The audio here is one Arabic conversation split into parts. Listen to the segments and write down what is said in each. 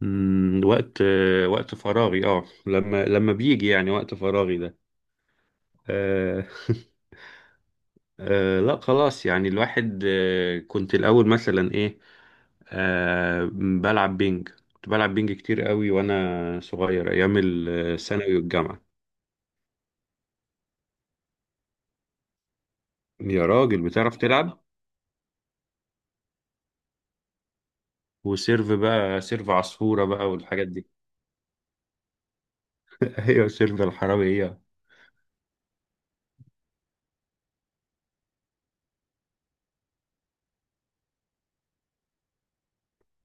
وقت فراغي لما بيجي يعني وقت فراغي ده. آه. لا، خلاص، يعني الواحد كنت الأول مثلا ايه. بلعب بينج. كنت بلعب بينج كتير قوي وانا صغير، ايام الثانوي والجامعة. يا راجل، بتعرف تلعب؟ وسيرف بقى، سيرف عصفورة بقى، والحاجات دي. ايوه، سيرف الحرامي هي.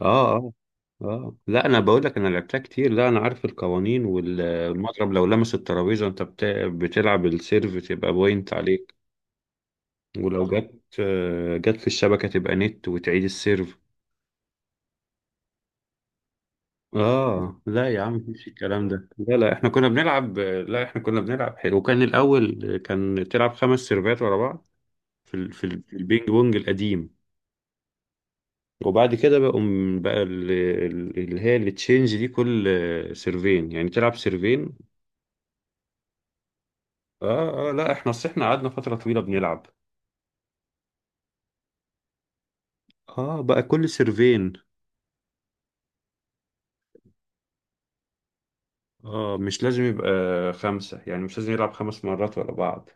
اه، اه، اه، لا، انا بقول لك، انا لعبتها كتير. لا، انا عارف القوانين، والمضرب لو لمس الترابيزه انت بتلعب السيرف تبقى بوينت عليك. ولو جت في الشبكه تبقى نت، وتعيد السيرف. اه، لا يا عم، مفيش الكلام ده. لا، لا، احنا كنا بنلعب، لا احنا كنا بنلعب حلو، وكان الاول كان تلعب 5 سيرفات ورا بعض. في البينج بونج القديم. وبعد كده بقى اللي هي التشينج دي، كل سيرفين، يعني تلعب سيرفين. اه، اه، لا، اصل احنا قعدنا فترة طويلة بنلعب. اه، بقى كل سيرفين. اه، مش لازم يبقى خمسة، يعني مش لازم يلعب 5 مرات ورا بعض.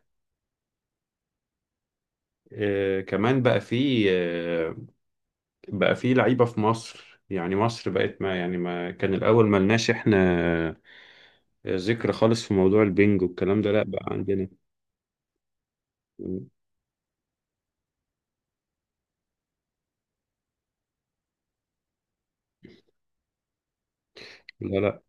كمان بقى في لعيبة في مصر، يعني مصر بقت، ما يعني، ما كان الأول ما لناش احنا ذكر خالص في موضوع البنج والكلام ده، لا بقى عندنا. لا، لا،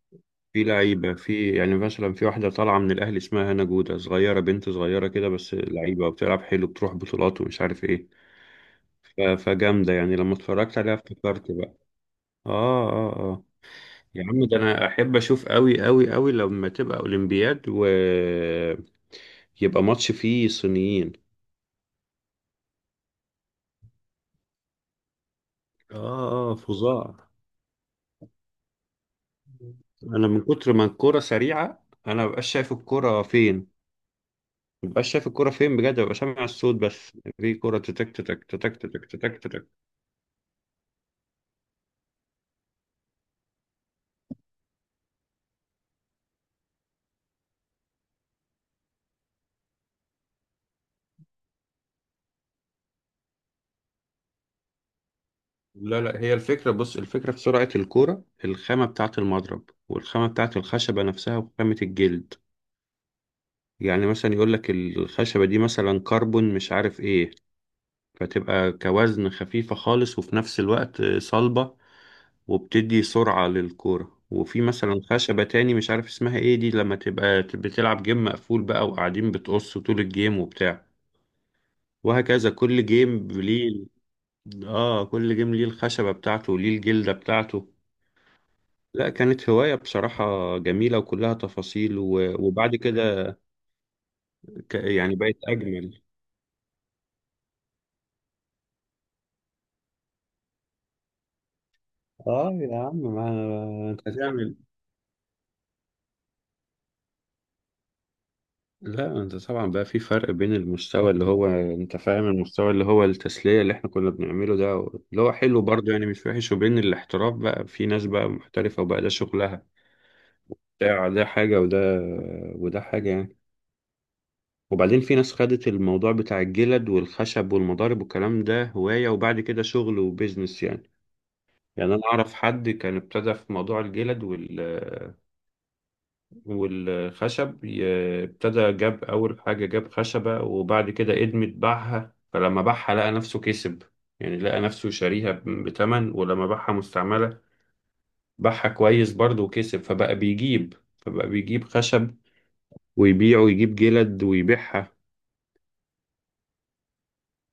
في لعيبة، في يعني مثلا في واحدة طالعة من الأهلي اسمها هنا جودة، صغيرة، بنت صغيرة كده بس لعيبة، وبتلعب حلو، بتروح بطولات ومش عارف ايه. فجامدة يعني، لما اتفرجت عليها افتكرت بقى. اه، اه، اه، يا عم، ده انا احب اشوف قوي قوي قوي لما تبقى اولمبياد، و يبقى ماتش فيه صينيين. اه، اه، فظاع. انا من كتر ما الكرة سريعة، انا مبقاش شايف الكرة فين. مبقاش شايف الكرة فين بجد، ببقى سامع الصوت بس. في كرة تتك تتك تتك تتك تتك تتك. لا، لا، هي الفكرة، بص، الفكرة في سرعة الكرة، الخامة بتاعة المضرب، والخامة بتاعة الخشبة نفسها، وخامة الجلد. يعني مثلا يقول لك الخشبة دي مثلا كربون، مش عارف ايه، فتبقى كوزن خفيفة خالص وفي نفس الوقت صلبة، وبتدي سرعة للكورة. وفي مثلا خشبة تاني مش عارف اسمها ايه، دي لما تبقى بتلعب جيم مقفول بقى وقاعدين بتقص طول الجيم وبتاع، وهكذا. كل جيم ليه، اه، كل جيم ليه الخشبة بتاعته وليه الجلدة بتاعته. لا، كانت هواية بصراحة جميلة، وكلها تفاصيل و... وبعد كده، يعني بقت أجمل. اه، يا عم، ما انت هتعمل. لا انت طبعا بقى في فرق بين المستوى، اللي هو انت فاهم، المستوى اللي هو التسلية اللي احنا كنا بنعمله ده، اللي هو حلو برضه يعني مش وحش، وبين الاحتراف بقى، في ناس بقى محترفة وبقى ده شغلها. ده حاجة، وده، وده حاجة يعني. وبعدين في ناس خدت الموضوع بتاع الجلد والخشب والمضارب والكلام ده هواية، وبعد كده شغل وبيزنس يعني. يعني انا اعرف حد كان ابتدى في موضوع الجلد والخشب، ابتدى جاب أول حاجة، جاب خشبة، وبعد كده إدمت باعها، فلما باعها لقى نفسه كسب، يعني لقى نفسه شاريها بتمن، ولما باعها مستعملة باعها كويس برضه وكسب، فبقى بيجيب خشب ويبيعه، ويجيب جلد ويبيعها.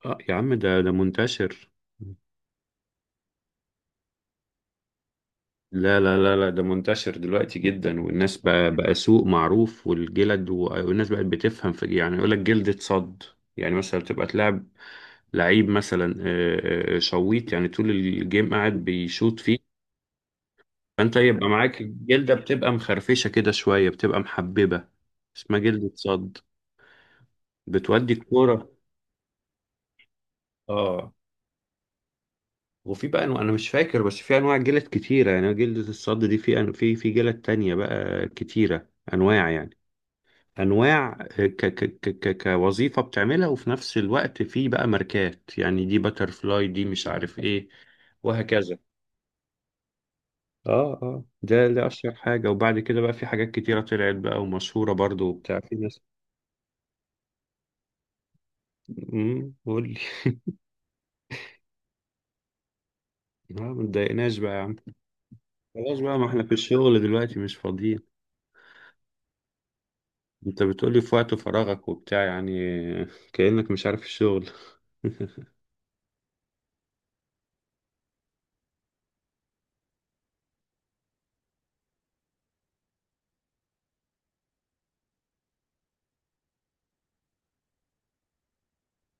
اه، يا عم، ده منتشر. لا، لا، لا، لا، ده منتشر دلوقتي جدا، والناس بقى، سوق معروف، والجلد والناس بقت بتفهم في، يعني يقول لك جلد اتصد. يعني مثلا تبقى تلعب لعيب مثلا، شويط، يعني طول الجيم قاعد بيشوط فيه، فانت يبقى معاك الجلده بتبقى مخرفشه كده شويه، بتبقى محببه، اسمها جلده صد، بتودي الكوره. اه. وفي بقى انواع، انا مش فاكر، بس في انواع جلد كتيره، يعني جلده الصد دي، في في جلد تانية بقى كتيره، انواع يعني، انواع. كوظيفه بتعملها، وفي نفس الوقت في بقى ماركات، يعني دي باترفلاي، دي مش عارف ايه، وهكذا. اه، اه، ده اشهر حاجه، وبعد كده بقى في حاجات كتيره طلعت بقى ومشهوره برضو وبتاع، في ناس. قول لي. ما تضايقناش بقى يا عم. خلاص بقى، ما احنا في الشغل دلوقتي مش فاضيين. انت بتقولي في وقت فراغك وبتاع يعني، كأنك مش عارف الشغل.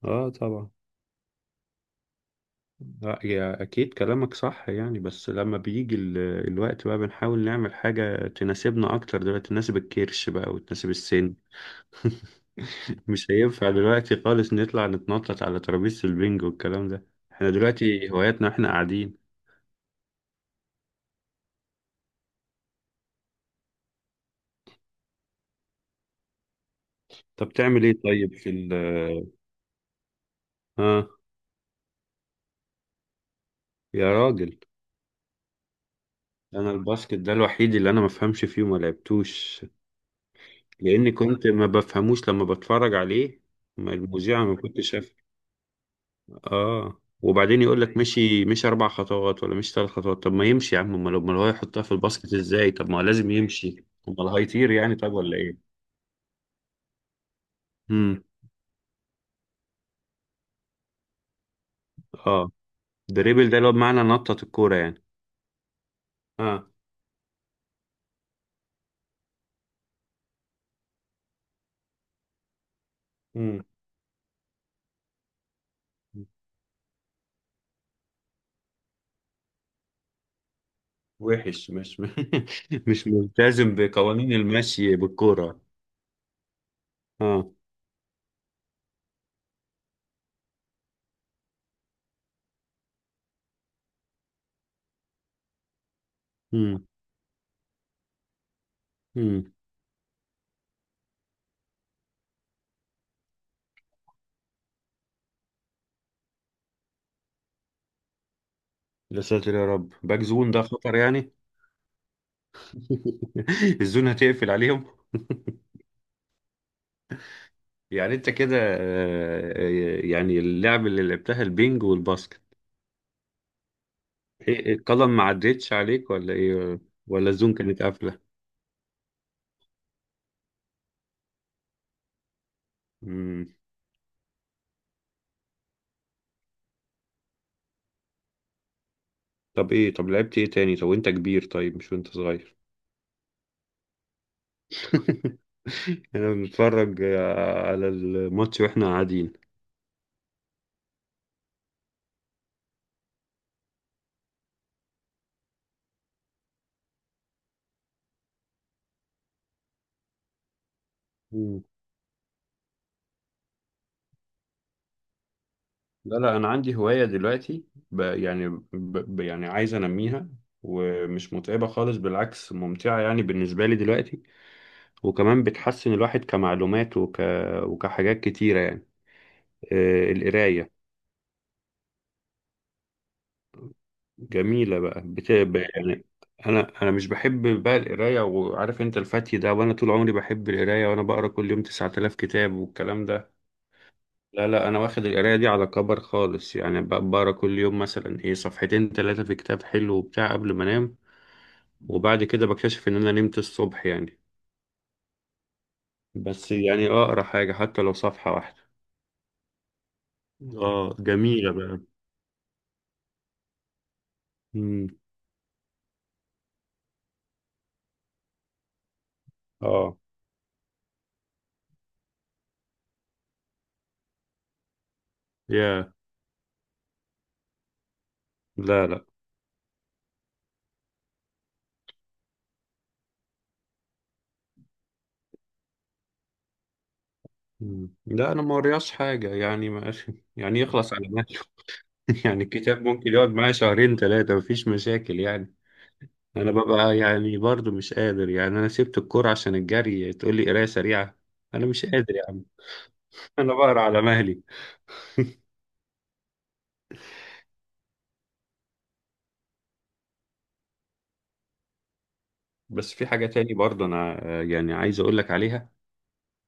اه، طبعا. لا يا، اكيد كلامك صح يعني، بس لما بيجي الوقت بقى، بنحاول نعمل حاجه تناسبنا اكتر دلوقتي، تناسب الكرش بقى وتناسب السن. مش هينفع دلوقتي خالص نطلع نتنطط على ترابيزة البنج والكلام ده. احنا دلوقتي هواياتنا احنا قاعدين. طب تعمل ايه طيب، في ال، اه، يا راجل، انا الباسكت ده الوحيد اللي انا ما بفهمش فيه وما لعبتوش، لاني كنت ما بفهموش لما بتفرج عليه. ما المذيع ما كنتش شاف. اه، وبعدين يقول لك مشي، مش 4 خطوات ولا مش 3 خطوات. طب ما يمشي يا عم، امال امال هو يحطها في الباسكت ازاي؟ طب ما هو لازم يمشي، امال هيطير يعني؟ طب، ولا ايه؟ امم. اه. دريبل ده اللي هو بمعنى نطط الكورة يعني. اه. مم. وحش، مش مش ملتزم بقوانين المشي بالكورة. اه. مم. مم. يا ساتر يا رب، باك زون ده خطر يعني. الزون هتقفل عليهم. يعني انت كده، يعني اللعب اللي لعبتها البينج والباسكت، إيه، القلم ما عدتش عليك ولا ايه؟ ولا الزون كانت قافلة؟ مم. طب ايه، طب لعبت ايه تاني، طب وانت كبير، طيب مش وانت صغير. احنا بنتفرج على الماتش واحنا قاعدين. مم. لا، لا، انا عندي هواية دلوقتي، ب يعني ب يعني عايز انميها، ومش متعبة خالص، بالعكس ممتعة يعني بالنسبة لي دلوقتي، وكمان بتحسن الواحد كمعلومات وكحاجات كتيرة يعني. القراية، جميلة بقى، يعني. انا مش بحب بقى القراية، وعارف انت الفتي ده، وانا طول عمري بحب القراية، وانا بقرا كل يوم 9000 كتاب والكلام ده. لا، لا، انا واخد القرايه دي على كبر خالص يعني، بقرا كل يوم مثلا ايه، صفحتين ثلاثه في كتاب حلو وبتاع قبل ما انام، وبعد كده بكتشف ان انا نمت الصبح يعني. بس يعني اقرا حاجه حتى لو صفحه واحده. اه، جميله بقى. مم. اه، يا. لا، لا. مم. لا، انا ما قريتش حاجه يعني، ماشي يعني، يخلص على ماشي. يعني الكتاب ممكن يقعد معايا شهرين ثلاثه، مفيش مشاكل يعني. انا ببقى يعني برضو مش قادر يعني، انا سبت الكورة عشان الجري، تقول لي قراية سريعة؟ انا مش قادر يا عم. انا بقرا على مهلي. بس في حاجة تاني برضو انا، يعني عايز اقول لك عليها.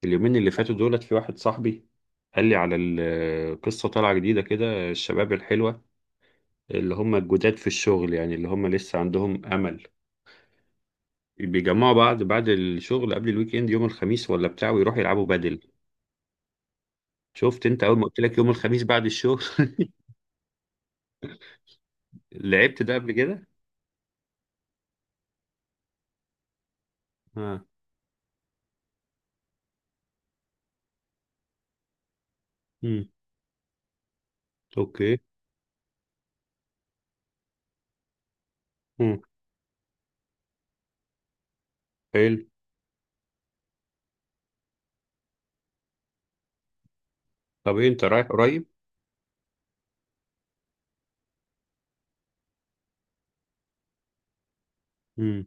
اليومين اللي فاتوا دولت في واحد صاحبي قال لي على قصة طالعة جديدة كده، الشباب الحلوة اللي هم الجداد في الشغل، يعني اللي هم لسه عندهم امل، بيجمعوا بعض بعد الشغل قبل الويك اند يوم الخميس ولا بتاع، ويروحوا يلعبوا بدل. شفت انت اول ما قلت لك يوم الخميس بعد الشغل؟ لعبت ده قبل كده. اه. اوكي. امم. حلو. طب ايه، انت رايح قريب؟ امم.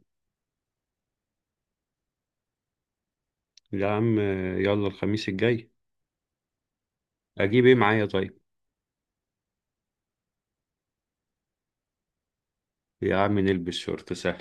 يا عم، يلا الخميس الجاي. اجيب ايه معايا طيب؟ يا عم، نلبس شورت سهل.